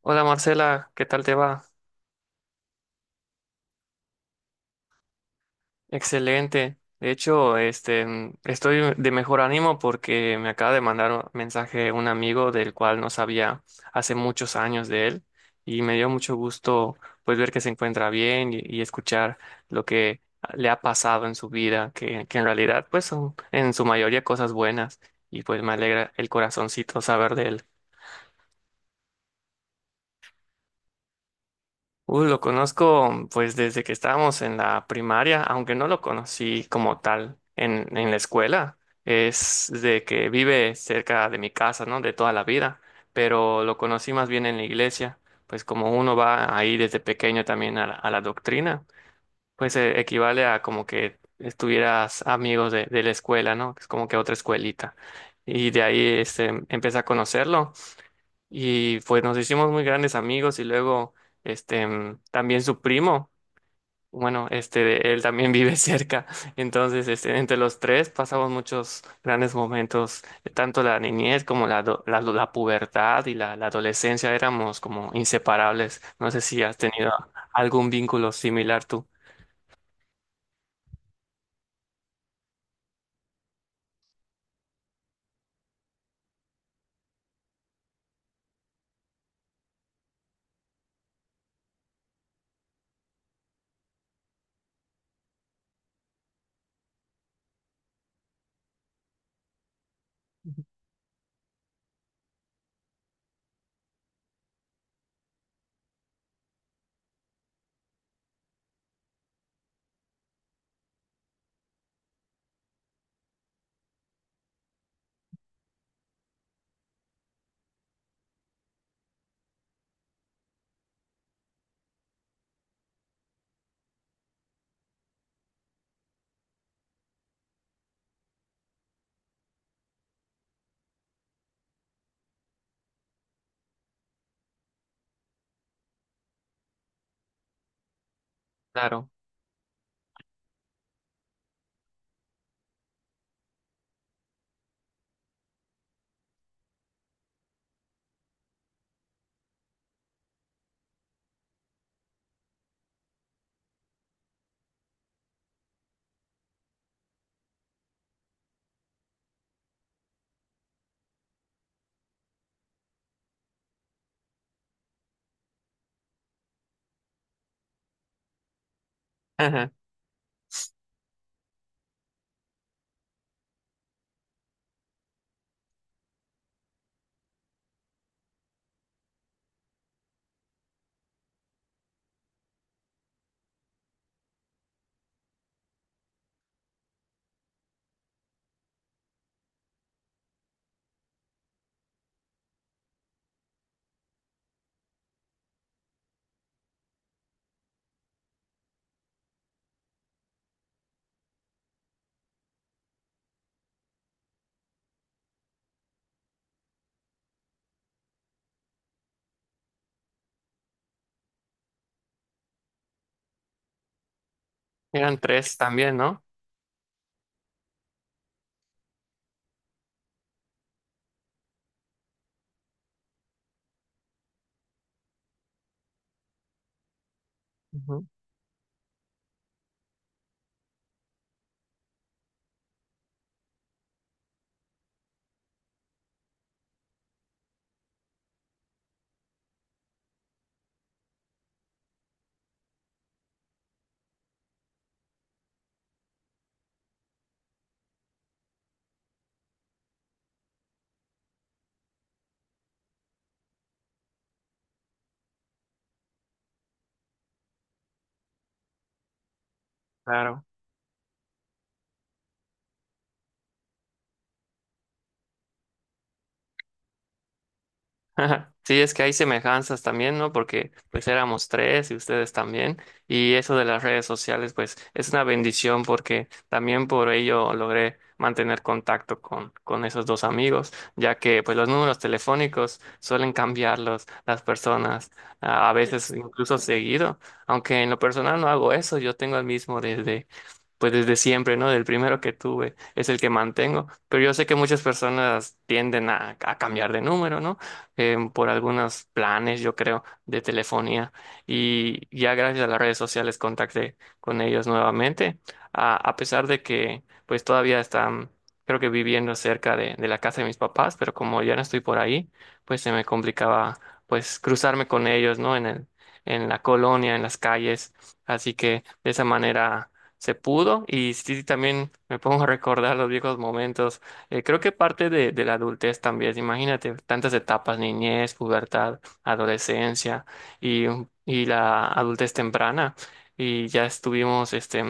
Hola, Marcela, ¿qué tal te va? Excelente. De hecho, estoy de mejor ánimo porque me acaba de mandar un mensaje un amigo del cual no sabía hace muchos años de él, y me dio mucho gusto, pues, ver que se encuentra bien y escuchar lo que le ha pasado en su vida, que en realidad pues son en su mayoría cosas buenas, y pues me alegra el corazoncito saber de él. Uy, lo conozco pues desde que estábamos en la primaria, aunque no lo conocí como tal en la escuela. Es de que vive cerca de mi casa, ¿no? De toda la vida, pero lo conocí más bien en la iglesia, pues como uno va ahí desde pequeño también a a la doctrina. Pues equivale a como que estuvieras amigos de la escuela, ¿no? Es como que otra escuelita. Y de ahí este, empecé a conocerlo. Y pues nos hicimos muy grandes amigos y luego también su primo, bueno, este él también vive cerca. Entonces, este, entre los tres pasamos muchos grandes momentos, tanto la niñez como la pubertad y la adolescencia éramos como inseparables. No sé si has tenido algún vínculo similar tú. Claro. Ajá. Eran tres también, ¿no? Ujú. Claro. Ajá. Sí, es que hay semejanzas también, ¿no? Porque pues éramos tres y ustedes también. Y eso de las redes sociales pues es una bendición, porque también por ello logré mantener contacto con esos dos amigos, ya que pues los números telefónicos suelen cambiarlos las personas, a veces incluso seguido, aunque en lo personal no hago eso, yo tengo el mismo desde, pues desde siempre, ¿no? Del primero que tuve es el que mantengo, pero yo sé que muchas personas tienden a cambiar de número, ¿no? Por algunos planes, yo creo, de telefonía. Y ya gracias a las redes sociales contacté con ellos nuevamente, a pesar de que pues todavía están, creo que viviendo cerca de la casa de mis papás, pero como ya no estoy por ahí, pues se me complicaba pues cruzarme con ellos, ¿no? En la colonia, en las calles. Así que de esa manera se pudo. Y sí, también me pongo a recordar los viejos momentos. Eh, creo que parte de la adultez también, imagínate, tantas etapas, niñez, pubertad, adolescencia, y, y la adultez temprana. Y ya estuvimos este,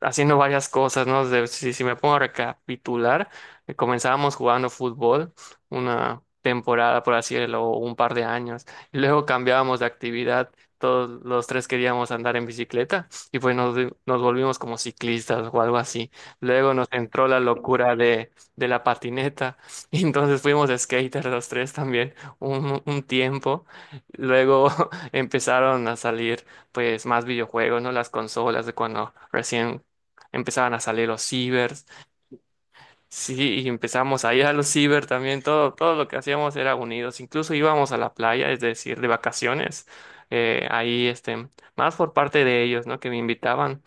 haciendo varias cosas, ¿no? Si me pongo a recapitular, comenzábamos jugando fútbol una temporada, por así decirlo, o un par de años. Y luego cambiábamos de actividad, todos los tres queríamos andar en bicicleta y pues nos volvimos como ciclistas o algo así. Luego nos entró la locura de la patineta. Y entonces fuimos skaters los tres también un tiempo. Luego empezaron a salir pues más videojuegos, ¿no? Las consolas de cuando recién empezaban a salir los cibers. Sí, y empezamos a ir a los ciber también, todo, todo lo que hacíamos era unidos, incluso íbamos a la playa, es decir, de vacaciones, eh, ahí, este, más por parte de ellos, ¿no? Que me invitaban,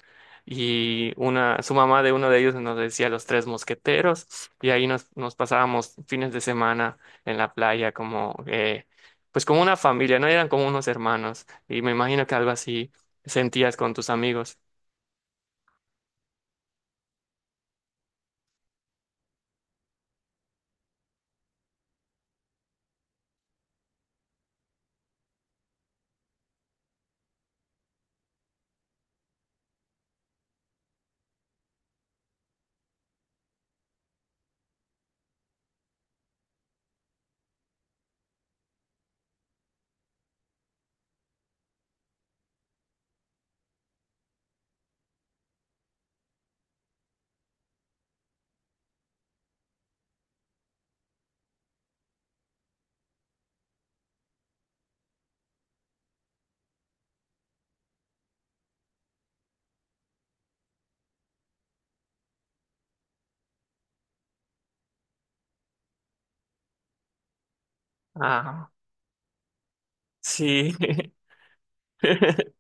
y una, su mamá de uno de ellos nos decía Los Tres Mosqueteros, y ahí nos, nos pasábamos fines de semana en la playa, como, pues como una familia, ¿no? Eran como unos hermanos, y me imagino que algo así sentías con tus amigos. Ah, sí.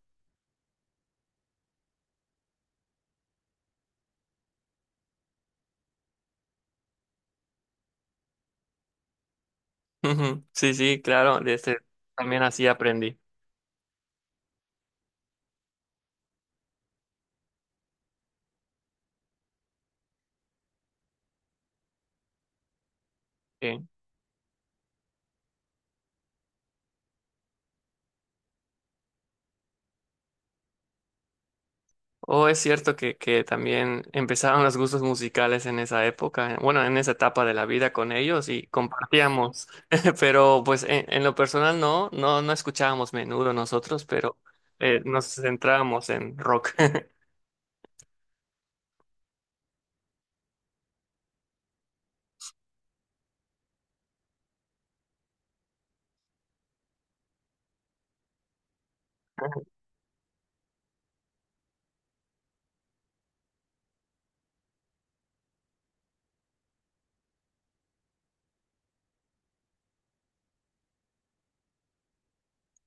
Ujú. Sí, sí, claro, de este también así aprendí. Sí. O es cierto que también empezaron los gustos musicales en esa época, bueno, en esa etapa de la vida con ellos y compartíamos, pero pues en lo personal no, no, no escuchábamos menudo nosotros, pero nos centrábamos en rock.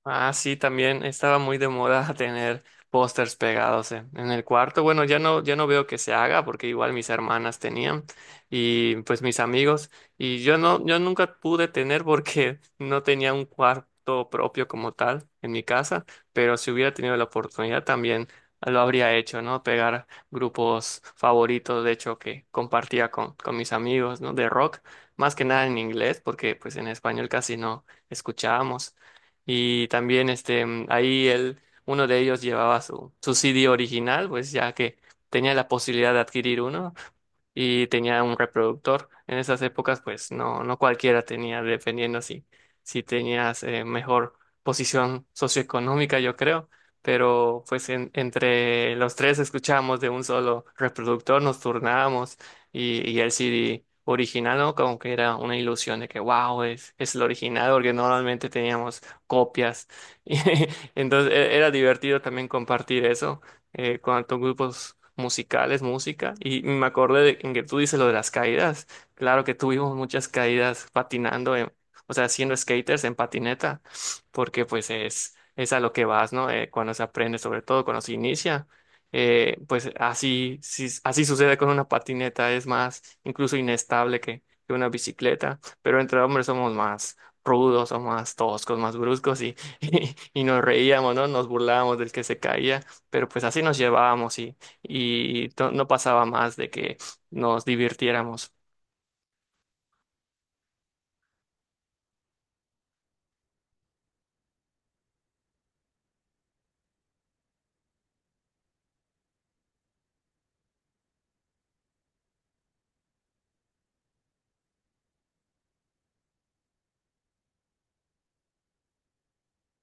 Ah, sí, también estaba muy de moda tener pósters pegados en el cuarto. Bueno, ya no, ya no veo que se haga, porque igual mis hermanas tenían y pues mis amigos, y yo no, yo nunca pude tener porque no tenía un cuarto propio como tal en mi casa, pero si hubiera tenido la oportunidad también lo habría hecho, ¿no? Pegar grupos favoritos, de hecho, que compartía con mis amigos, ¿no? De rock, más que nada en inglés, porque pues en español casi no escuchábamos. Y también ahí él, uno de ellos llevaba su CD original, pues ya que tenía la posibilidad de adquirir uno, y tenía un reproductor. En esas épocas pues no, no cualquiera tenía, dependiendo si, si tenías mejor posición socioeconómica, yo creo. Pero pues entre los tres escuchábamos de un solo reproductor, nos turnábamos, y el CD original, ¿no? Como que era una ilusión de que, wow, es el original, porque normalmente teníamos copias. Y entonces era divertido también compartir eso. Eh, con tantos grupos musicales, música, y me acordé de en que tú dices lo de las caídas. Claro que tuvimos muchas caídas patinando, o sea, siendo skaters en patineta, porque pues es a lo que vas, ¿no? Cuando se aprende, sobre todo cuando se inicia. Pues así, así sucede con una patineta, es más, incluso inestable que una bicicleta, pero entre hombres somos más rudos, somos más toscos, más bruscos, y y nos reíamos, ¿no? Nos burlábamos del que se caía, pero pues así nos llevábamos, y no pasaba más de que nos divirtiéramos.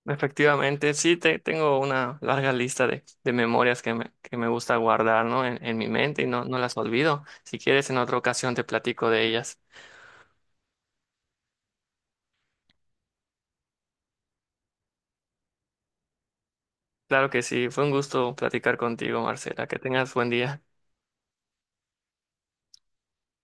Efectivamente, sí, tengo una larga lista de memorias que me gusta guardar, ¿no? En mi mente, y no, no las olvido. Si quieres, en otra ocasión te platico de ellas. Claro que sí, fue un gusto platicar contigo, Marcela. Que tengas buen día.